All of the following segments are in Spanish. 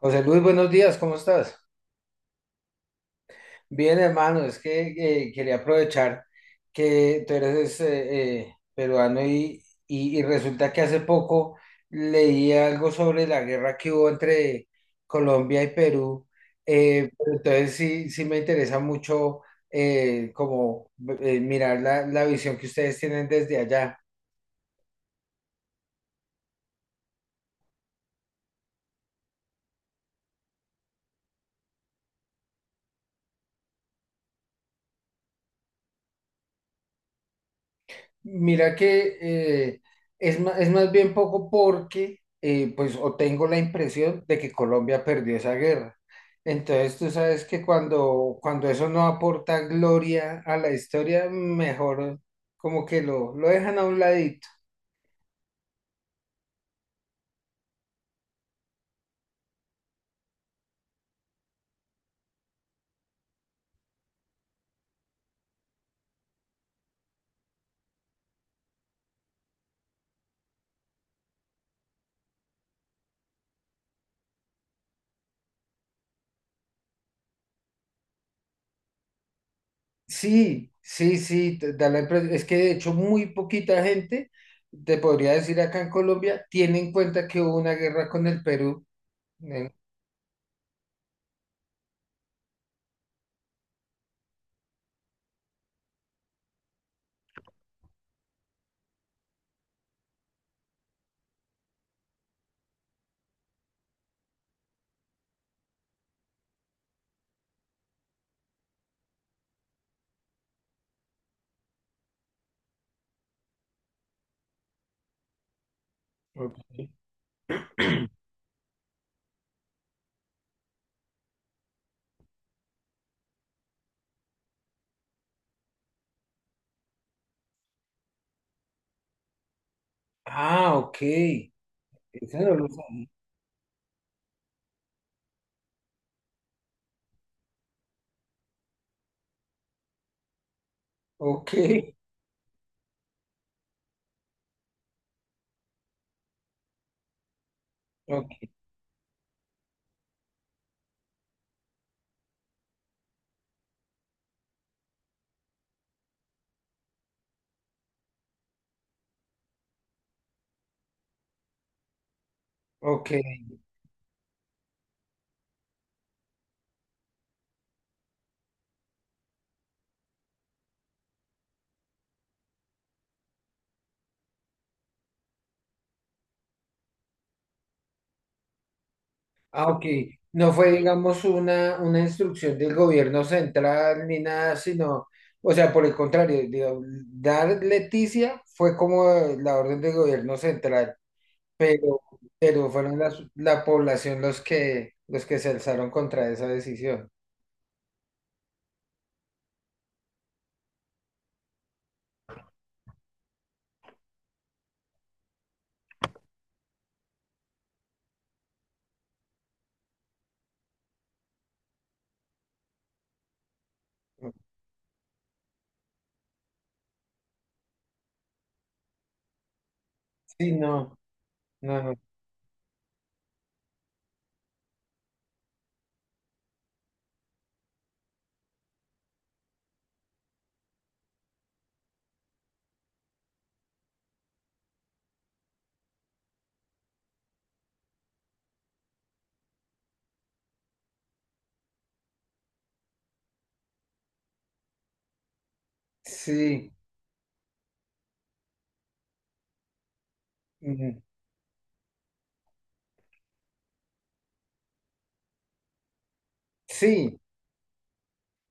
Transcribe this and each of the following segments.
José Luis, buenos días, ¿cómo estás? Bien, hermano, es que quería aprovechar que tú eres peruano y resulta que hace poco leí algo sobre la guerra que hubo entre Colombia y Perú. Pero entonces sí, me interesa mucho como mirar la visión que ustedes tienen desde allá. Mira que eh, es, es más bien poco porque, pues, o tengo la impresión de que Colombia perdió esa guerra. Entonces, tú sabes que cuando eso no aporta gloria a la historia, mejor como que lo dejan a un ladito. Sí, sí, sí, te da la impresión. Es que de hecho muy poquita gente, te podría decir acá en Colombia, tiene en cuenta que hubo una guerra con el Perú. Eh, Ah, ok. Eso no lo sabía. Ok. Ok, ok. Ah, ok. No fue, digamos, una instrucción del gobierno central ni nada, sino, o sea, por el contrario, digo, dar Leticia fue como la orden del gobierno central, pero, pero fueron la población los que se alzaron contra esa decisión. Sí, no, no, no. Sí, mm, sí.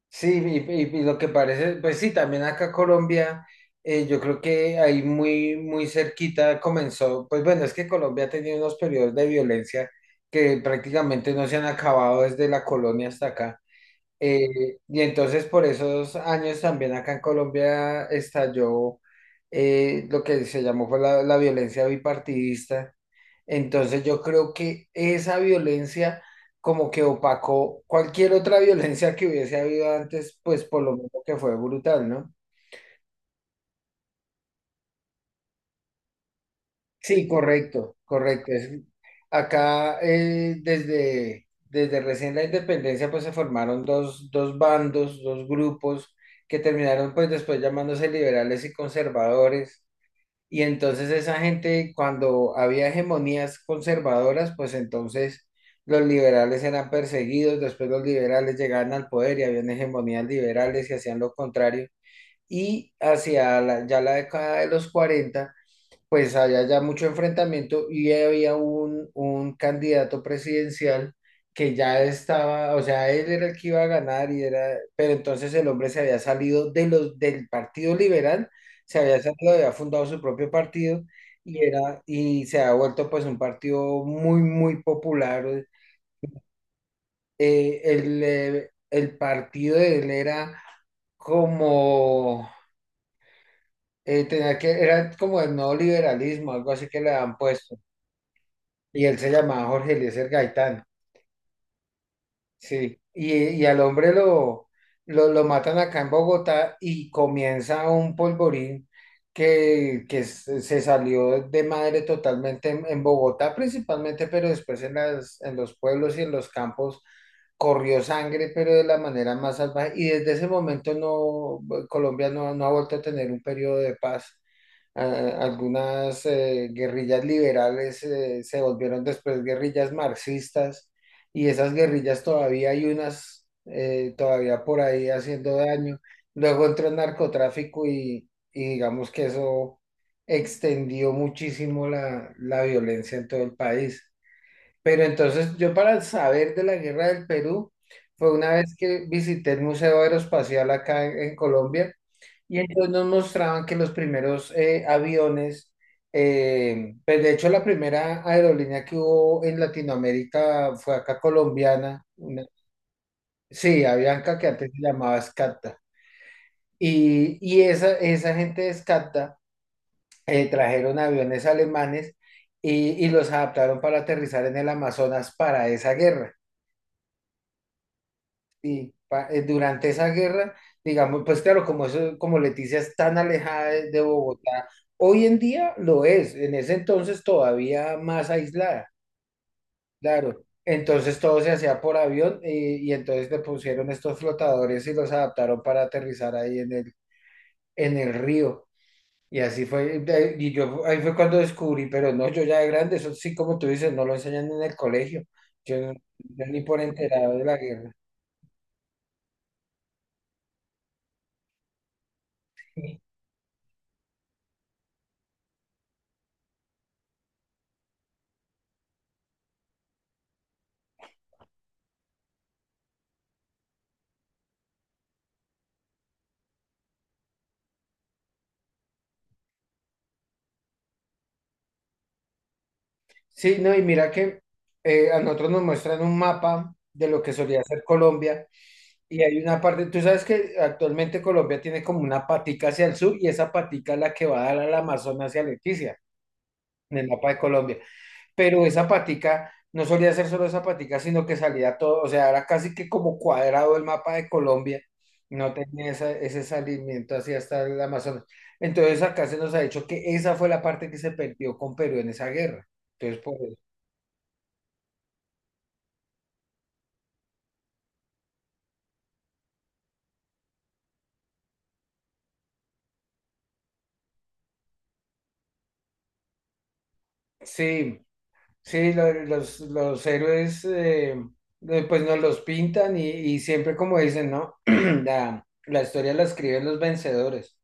Sí, y lo que parece, pues sí, también acá Colombia, yo creo que ahí muy, muy cerquita comenzó, pues bueno, es que Colombia ha tenido unos periodos de violencia que prácticamente no se han acabado desde la colonia hasta acá. Y entonces por esos años también acá en Colombia estalló lo que se llamó fue la violencia bipartidista, entonces yo creo que esa violencia como que opacó cualquier otra violencia que hubiese habido antes, pues por lo menos que fue brutal, ¿no? Sí, correcto, correcto. Acá desde recién la independencia pues se formaron dos bandos, dos grupos que terminaron pues después llamándose liberales y conservadores. Y entonces esa gente, cuando había hegemonías conservadoras, pues entonces los liberales eran perseguidos, después los liberales llegaban al poder y habían hegemonías liberales y hacían lo contrario. Y hacia ya la década de los 40 pues había ya mucho enfrentamiento y había un candidato presidencial que ya estaba, o sea, él era el que iba a ganar y era, pero entonces el hombre se había salido de del Partido Liberal, se había salido, había fundado su propio partido y era, y se ha vuelto pues un partido muy, muy popular. El partido de él era como, tenía que, era como el neoliberalismo, algo así que le han puesto. Y él se llamaba Jorge Eliezer Gaitán, sí. Y al hombre lo matan acá en Bogotá y comienza un polvorín que se salió de madre totalmente en Bogotá principalmente, pero después en las, en los pueblos y en los campos corrió sangre, pero de la manera más salvaje. Y desde ese momento no, Colombia no, no ha vuelto a tener un periodo de paz. Algunas guerrillas liberales se volvieron después guerrillas marxistas y esas guerrillas todavía hay unas todavía por ahí haciendo daño. Luego entró el narcotráfico y digamos que eso extendió muchísimo la violencia en todo el país. Pero entonces yo para saber de la guerra del Perú fue una vez que visité el Museo Aeroespacial acá en Colombia y entonces nos mostraban que los primeros aviones, pues de hecho la primera aerolínea que hubo en Latinoamérica fue acá colombiana, sí, Avianca, que antes se llamaba Scatta. Y esa, esa gente de Scatta trajeron aviones alemanes y los adaptaron para aterrizar en el Amazonas para esa guerra. Durante esa guerra, digamos, pues claro, como eso, como Leticia es tan alejada de Bogotá, hoy en día lo es, en ese entonces todavía más aislada, claro. Entonces todo se hacía por avión, y entonces le pusieron estos flotadores y los adaptaron para aterrizar ahí en el río. Y así fue, y yo ahí fue cuando descubrí, pero no, yo ya de grande, eso sí, como tú dices, no lo enseñan en el colegio. Yo, no- yo ni por enterado de la guerra. Sí, no, y mira que a nosotros nos muestran un mapa de lo que solía ser Colombia y hay una parte, tú sabes que actualmente Colombia tiene como una patica hacia el sur y esa patica es la que va a dar al Amazonas hacia Leticia en el mapa de Colombia, pero esa patica no solía ser solo esa patica, sino que salía todo, o sea, era casi que como cuadrado el mapa de Colombia, no tenía ese salimiento hacia hasta el Amazonas. Entonces acá se nos ha dicho que esa fue la parte que se perdió con Perú en esa guerra. Entonces, por sí, sí, los héroes pues nos los pintan y siempre como dicen, ¿no? La historia la escriben los vencedores.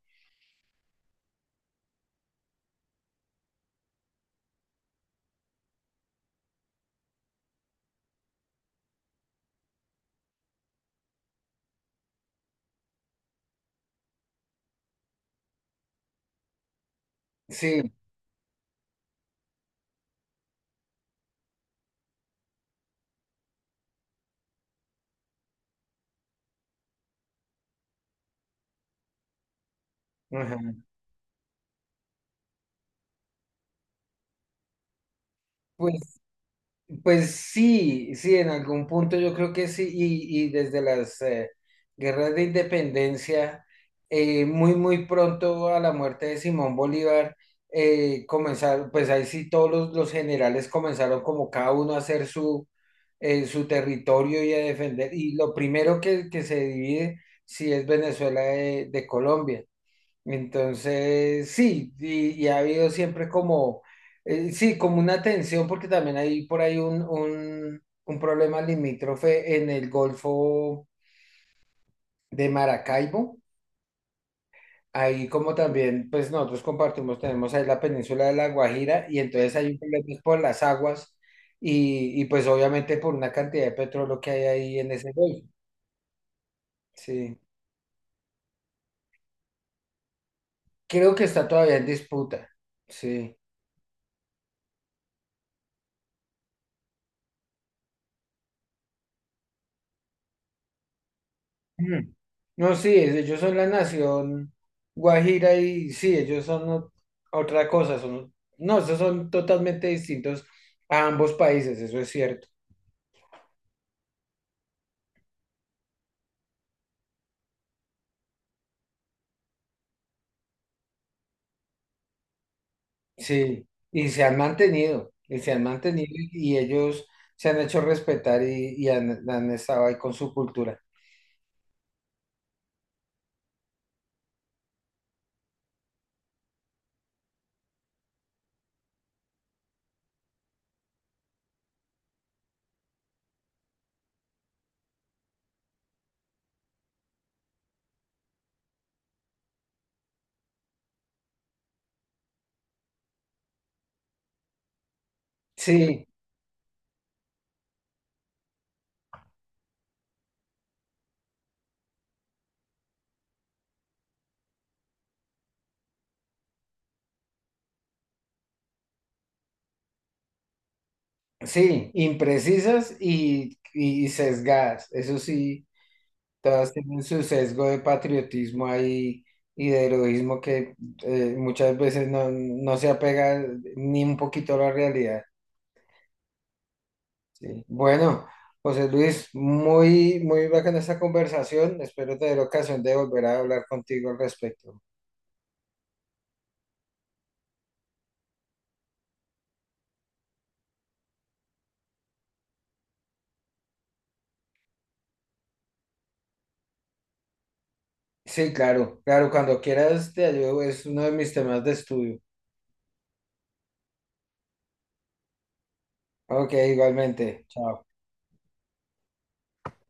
Sí, ajá. Pues pues sí, sí, en algún punto yo creo que sí, y desde las guerras de independencia, muy, muy pronto a la muerte de Simón Bolívar, comenzaron, pues ahí sí todos los generales comenzaron como cada uno a hacer su, su territorio y a defender, y lo primero que se divide sí es Venezuela de Colombia. Entonces, sí, y ha habido siempre como, sí, como una tensión, porque también hay por ahí un problema limítrofe en el Golfo de Maracaibo. Ahí como también, pues nosotros compartimos, tenemos ahí la península de La Guajira y entonces hay un problema pues, por las aguas y pues obviamente por una cantidad de petróleo que hay ahí en ese golfo. Sí, creo que está todavía en disputa. Sí. Ujú. No, sí, ellos son la nación Guajira y sí, ellos son otra cosa, son, no, esos son totalmente distintos a ambos países, eso es cierto. Sí, y se han mantenido, y se han mantenido y ellos se han hecho respetar y han, han estado ahí con su cultura. Sí, sí, imprecisas y sesgadas, eso sí, todas tienen su sesgo de patriotismo ahí y de heroísmo que muchas veces no, no se apega ni un poquito a la realidad. Sí. Bueno, José Luis, muy, muy bacana esta conversación. Espero tener ocasión de volver a hablar contigo al respecto. Sí, claro, claro, cuando quieras te ayudo, es uno de mis temas de estudio. Ok, igualmente. Chao.